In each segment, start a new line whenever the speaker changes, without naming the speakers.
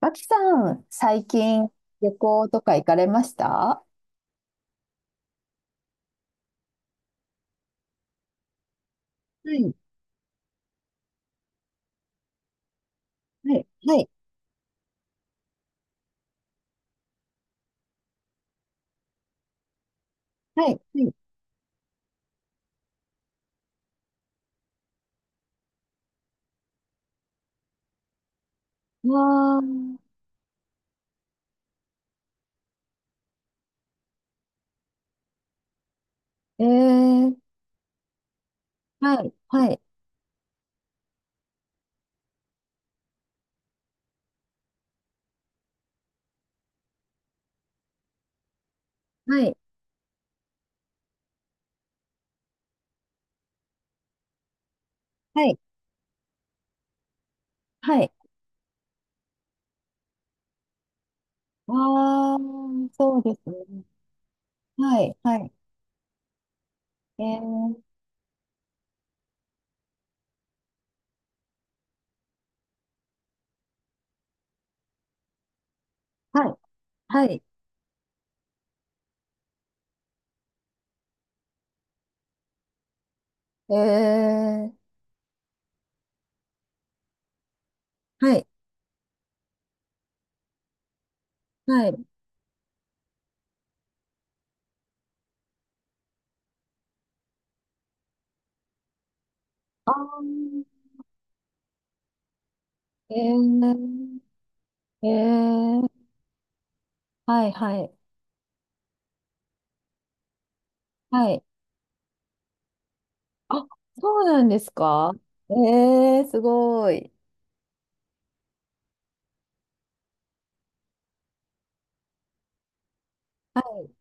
脇さん、最近旅行とか行かれました？はい、はい、はい、はい、はい。わー、えー、ああ、はい、はい、はい、はい。はい。ああ、そうですね。はい、はい。えー、はい、はい、えー、はい、はい、ああ、えー、えー、はい、はい、はい。あ、そうなんですか？えー、すごい。はい、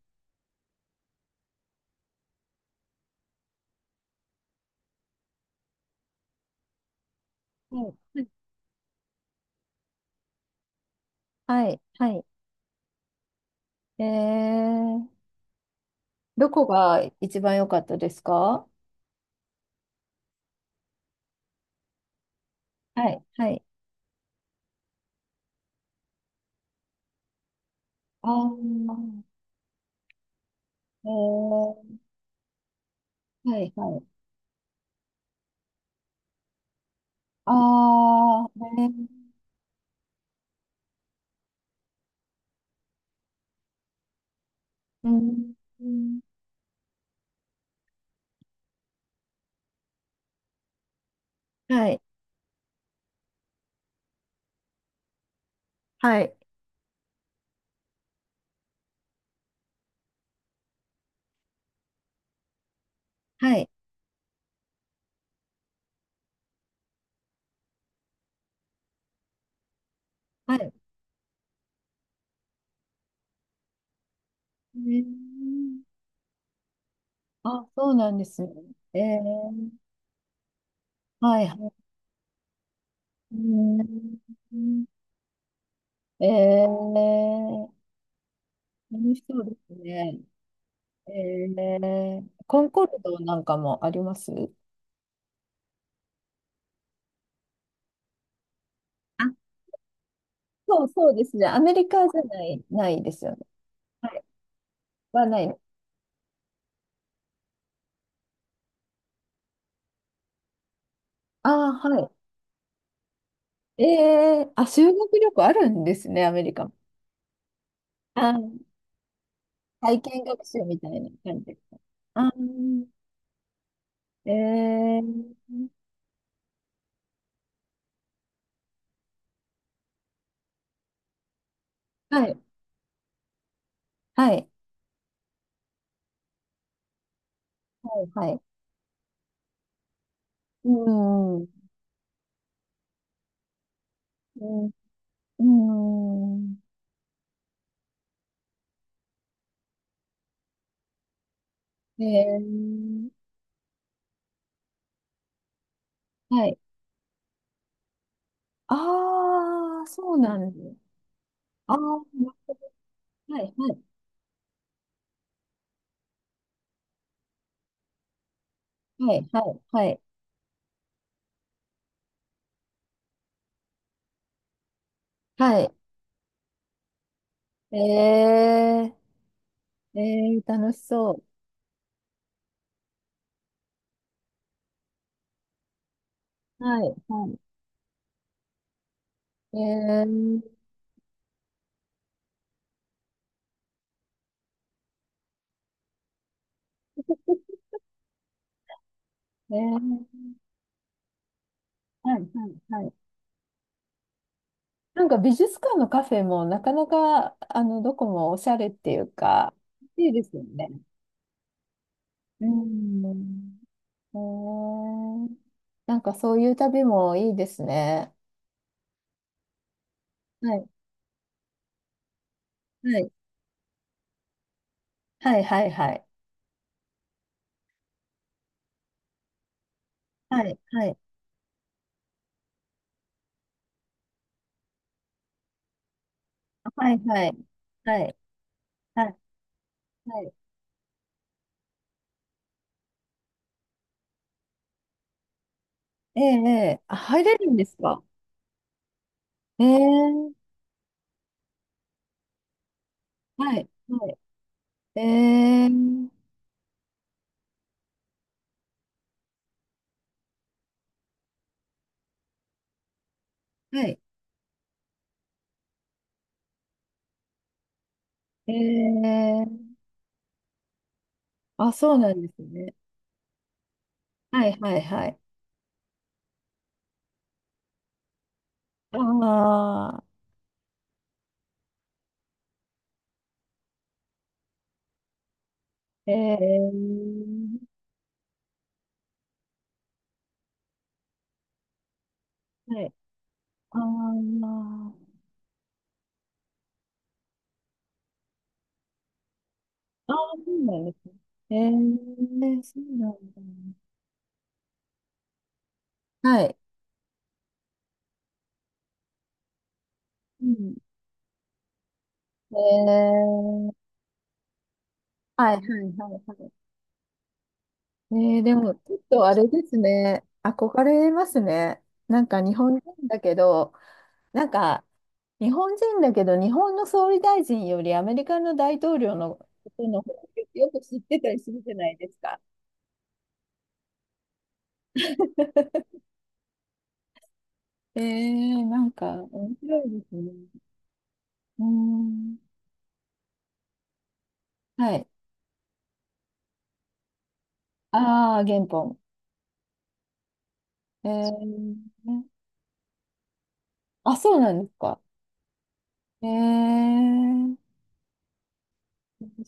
はい、はい、はい。えー、どこが一番良かったですか？はい、はい。ああ、えー、はい、はい。ああ、えー、うん、うん、はい、はい、はい、はい。えー、あ、そうなんですね。えー、はい、はい。うん、えー、楽しそうですね。えー、コンコルドなんかもあります？あ、そう、そうですね。アメリカじゃない、ないですよね。はい。はない。ああ、はい。えー、あ、修学旅行あるんですね、アメリカも。あー、体験学習みたいな感じですか。ああ、えー、はい。はい。はい。はい。うん。うん。うん。えー、はい。ああ、そうなんです。ああ、はい。はい。はい。はい。はい。はい。えー、ええ、楽しそう。はい、はい。えー、えー、はい、はい、はい。なんか美術館のカフェもなかなか、あの、どこもおしゃれっていうか、いいですよね。うん。えー、なんかそういう旅もいいですね。はい、はい、はい、はい、はい、はい、はい、はい、はい、はい、はい、はい、ええ、ええ、あ、入れるんですか？ええ、はい、はい、ええ、はい、ええ、あ、そうなんですね。はいはいはい。ああ、ええ、はい。ああ、ああ、そうなんですね。ええ、そうなんだ。はい。うん。ええ、はい、はい、はい、はい。ええ、でも、ちょっとあれですね。憧れますね。なんか日本人だけど、なんか日本人だけど、日本の総理大臣よりアメリカの大統領のことの方がよく知ってたりするじゃないですか。えー、なんか、面白いですね。うーん。はい。ああ、原本。えー、ね、あ、そうなんですか。えー、面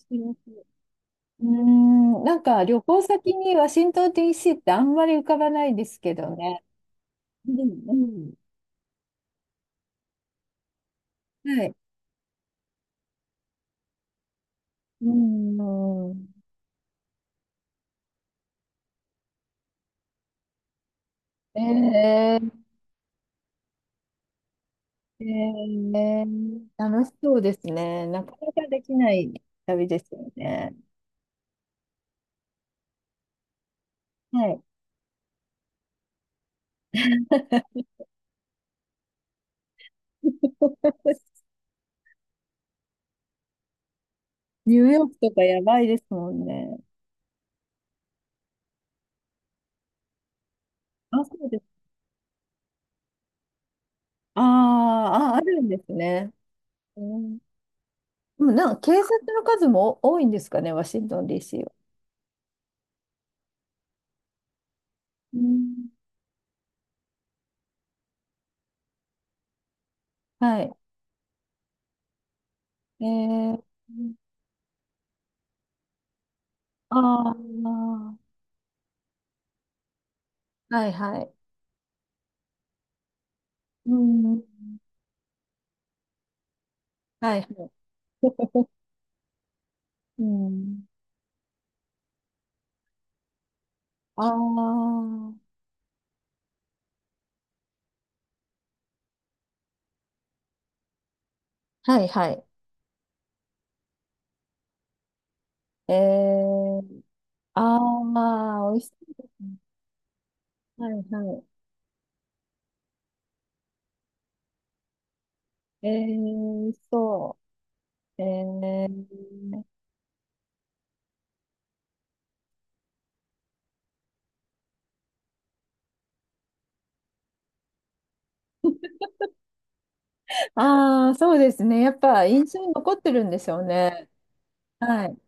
白い。うーん、なんか旅行先にワシントン DC ってあんまり浮かばないですけどね。うん、うん、はい。うん、うん。えー、えー、楽しそうですね。なかなかできない旅ですよね。はい。ニューヨークとかやばいですもんね。あ、そうです。あー、あ、あるんですね。うん、でもなんか警察の数も多いんですかね、ワシントン DC は。うん、はい。えー、ああ、はいはい。うん、はい。うん、ああ、はいはい。えー、ああ、美味しそうですね。はいはい。えー、美味しそう。えー、ああ、そうですね。やっぱ印象に残ってるんでしょうね。はい。